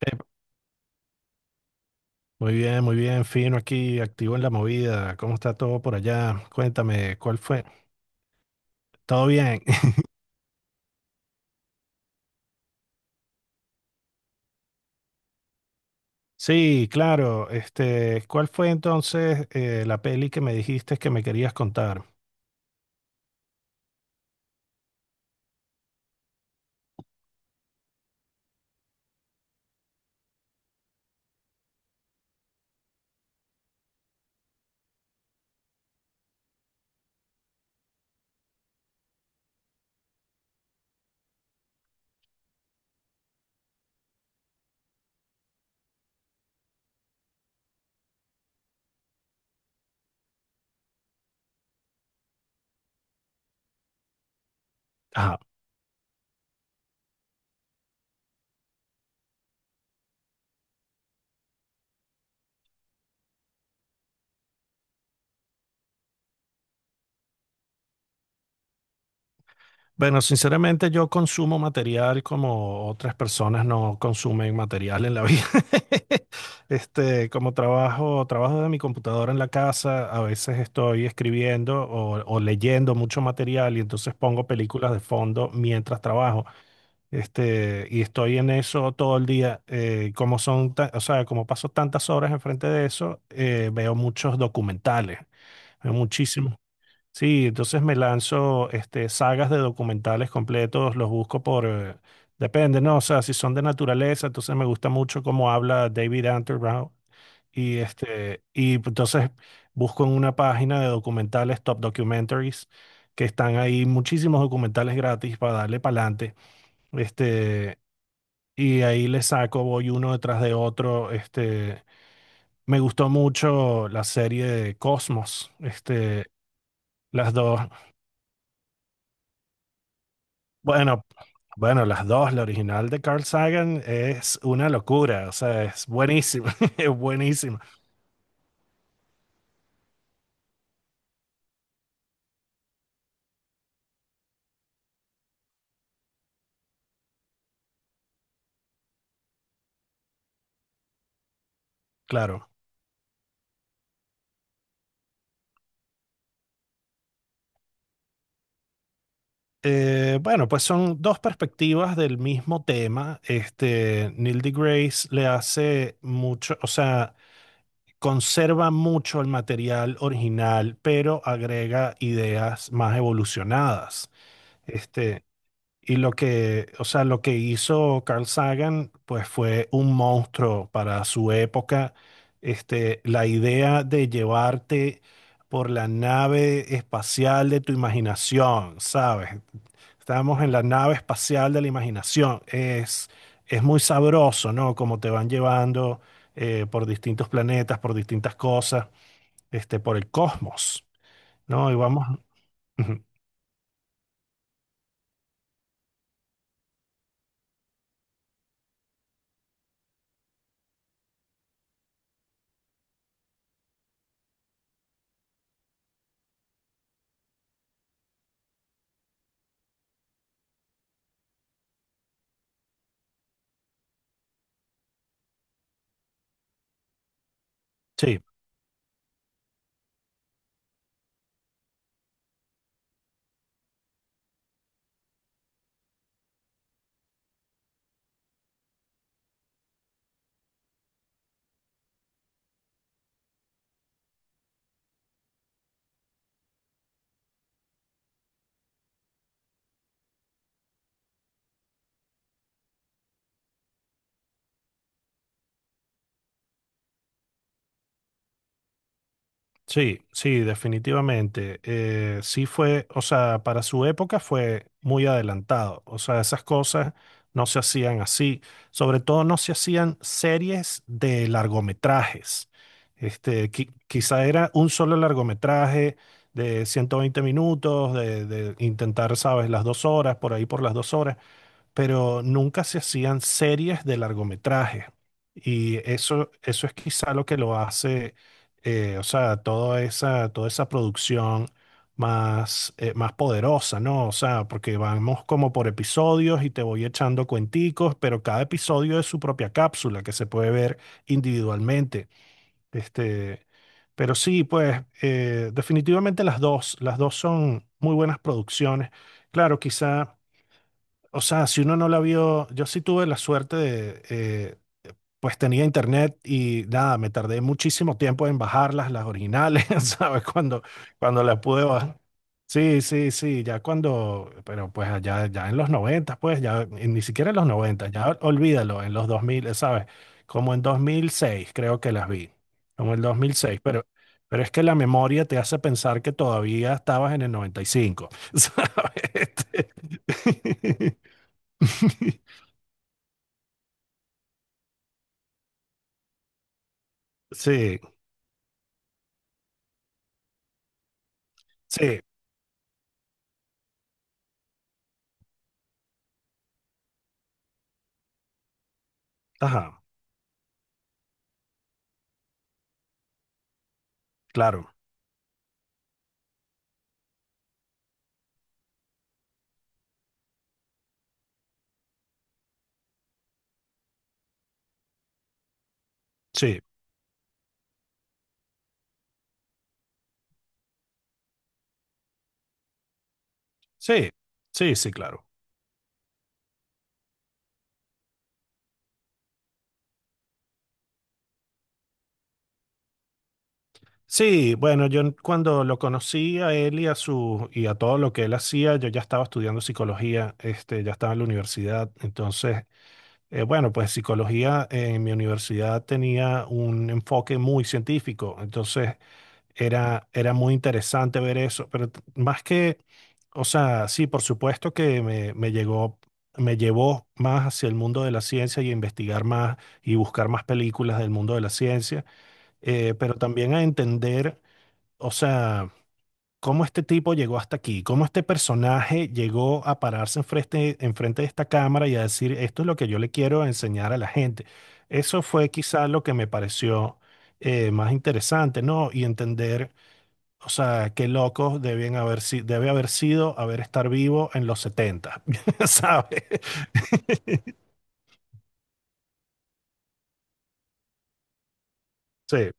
Eh, Muy bien, muy bien, fino aquí, activo en la movida. ¿Cómo está todo por allá? Cuéntame, ¿cuál fue? ¿Todo bien? Sí, claro. Este, ¿cuál fue entonces la peli que me dijiste que me querías contar? Ajá. Bueno, sinceramente yo consumo material como otras personas no consumen material en la vida. Este, como trabajo, trabajo de mi computadora en la casa, a veces estoy escribiendo o leyendo mucho material y entonces pongo películas de fondo mientras trabajo. Este, y estoy en eso todo el día. Como son, o sea, como paso tantas horas enfrente de eso, veo muchos documentales, veo muchísimos. Sí, entonces me lanzo este, sagas de documentales completos, los busco por, depende, ¿no? O sea, si son de naturaleza, entonces me gusta mucho cómo habla David Attenborough. Y este, y entonces busco en una página de documentales, Top Documentaries, que están ahí muchísimos documentales gratis para darle para adelante. Y ahí le saco, voy uno detrás de otro. Este, me gustó mucho la serie de Cosmos. Este, las dos. Bueno, bueno, las dos, la original de Carl Sagan es una locura. O sea, es buenísima. Es buenísima. Claro. Bueno, pues son dos perspectivas del mismo tema. Este, Neil deGrasse le hace mucho, o sea, conserva mucho el material original, pero agrega ideas más evolucionadas. Este, y lo que, o sea, lo que hizo Carl Sagan, pues fue un monstruo para su época. Este, la idea de llevarte por la nave espacial de tu imaginación, ¿sabes? Estamos en la nave espacial de la imaginación. Es muy sabroso, ¿no? Como te van llevando por distintos planetas, por distintas cosas, este, por el cosmos, ¿no? Y vamos. Ujú. Sí. Sí, sí, definitivamente. Sí fue, o sea, para su época fue muy adelantado. O sea, esas cosas no se hacían así. Sobre todo no se hacían series de largometrajes. Este, quizá era un solo largometraje de 120 minutos, de intentar, sabes, las dos horas, por ahí por las dos horas, pero nunca se hacían series de largometraje. Y eso es quizá lo que lo hace, o sea, toda esa producción más, más poderosa, ¿no? O sea, porque vamos como por episodios y te voy echando cuenticos, pero cada episodio es su propia cápsula que se puede ver individualmente. Este, pero sí, pues, definitivamente las dos son muy buenas producciones. Claro, quizá. O sea, si uno no la vio, yo sí tuve la suerte de, pues tenía internet y nada, me tardé muchísimo tiempo en bajarlas, las originales, ¿sabes? Cuando las pude bajar. Sí, sí, sí, ya cuando, pero pues allá, ya en los 90 pues ya, y ni siquiera en los 90, ya olvídalo, en los 2000, ¿sabes? Como en 2006 creo que las vi, como en 2006, pero es que la memoria te hace pensar que todavía estabas en el 95, ¿sabes? Sí, sí, ajá, claro, sí, sí, sí, sí, claro. Sí, bueno, yo cuando lo conocí a él y a su y a todo lo que él hacía, yo ya estaba estudiando psicología, este, ya estaba en la universidad. Entonces, bueno, pues psicología en mi universidad tenía un enfoque muy científico. Entonces, era muy interesante ver eso. Pero más que o sea, sí, por supuesto que me llegó, me llevó más hacia el mundo de la ciencia y a investigar más y buscar más películas del mundo de la ciencia, pero también a entender, o sea, cómo este tipo llegó hasta aquí, cómo este personaje llegó a pararse enfrente, enfrente de esta cámara y a decir, esto es lo que yo le quiero enseñar a la gente. Eso fue quizá lo que me pareció más interesante, ¿no? Y entender o sea, qué locos deben haber, debe haber sido haber estar vivo en los 70, ¿sabes? Sí,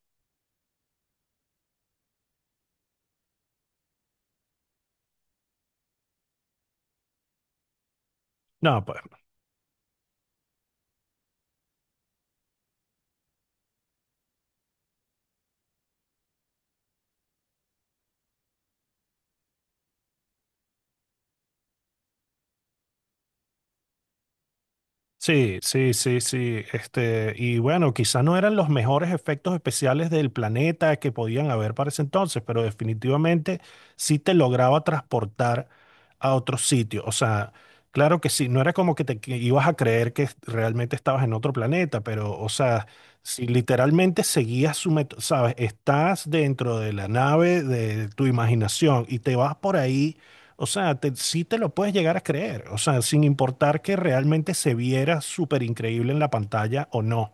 no, pues, sí, sí, sí, sí. Este, y bueno, quizá no eran los mejores efectos especiales del planeta que podían haber para ese entonces, pero definitivamente sí te lograba transportar a otro sitio. O sea, claro que sí, no era como que te que ibas a creer que realmente estabas en otro planeta, pero, o sea, si literalmente seguías su método, sabes, estás dentro de la nave de tu imaginación y te vas por ahí, o sea, sí te lo puedes llegar a creer, o sea, sin importar que realmente se viera súper increíble en la pantalla o no.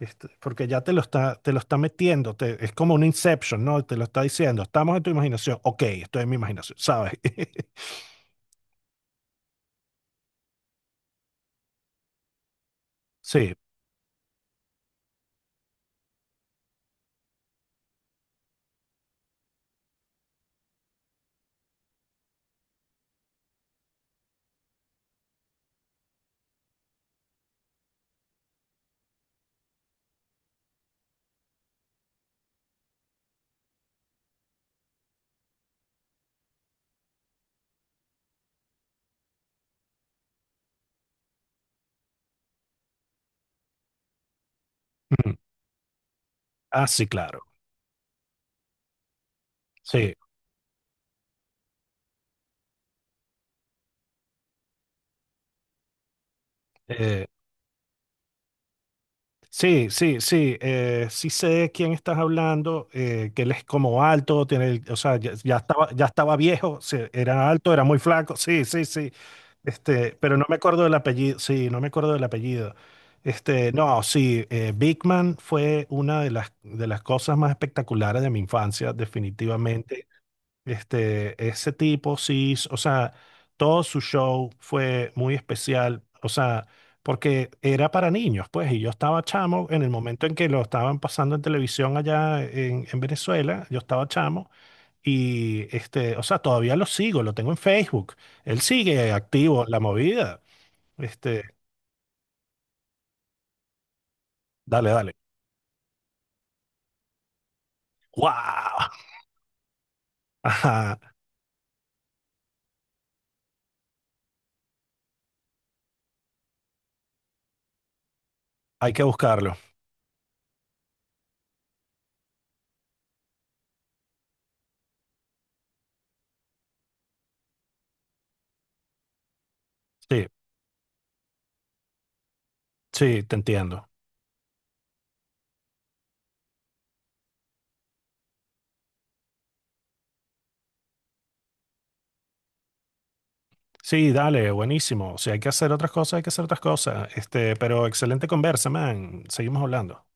Este, porque ya te lo está metiendo, es como un Inception, ¿no? Te lo está diciendo, estamos en tu imaginación, ok, estoy en mi imaginación, ¿sabes? Sí, mm, ah, sí, claro, sí, eh, sí, sí, sí, sí sé de quién estás hablando, que él es como alto, tiene, o sea, ya, ya estaba viejo, sí, era alto, era muy flaco, sí, sí, sí. Este, pero no me acuerdo del apellido, sí, no me acuerdo del apellido. Este, no, sí, Big Man fue una de las cosas más espectaculares de mi infancia, definitivamente. Este, ese tipo, sí, o sea, todo su show fue muy especial, o sea, porque era para niños, pues, y yo estaba chamo en el momento en que lo estaban pasando en televisión allá en Venezuela, yo estaba chamo. Y este, o sea, todavía lo sigo, lo tengo en Facebook. Él sigue activo en la movida. Este, dale, dale. ¡Wow! Ajá, hay que buscarlo. Sí, sí, te entiendo. Sí, dale, buenísimo. Si hay que hacer otras cosas, hay que hacer otras cosas. Este, pero excelente conversa, man. Seguimos hablando.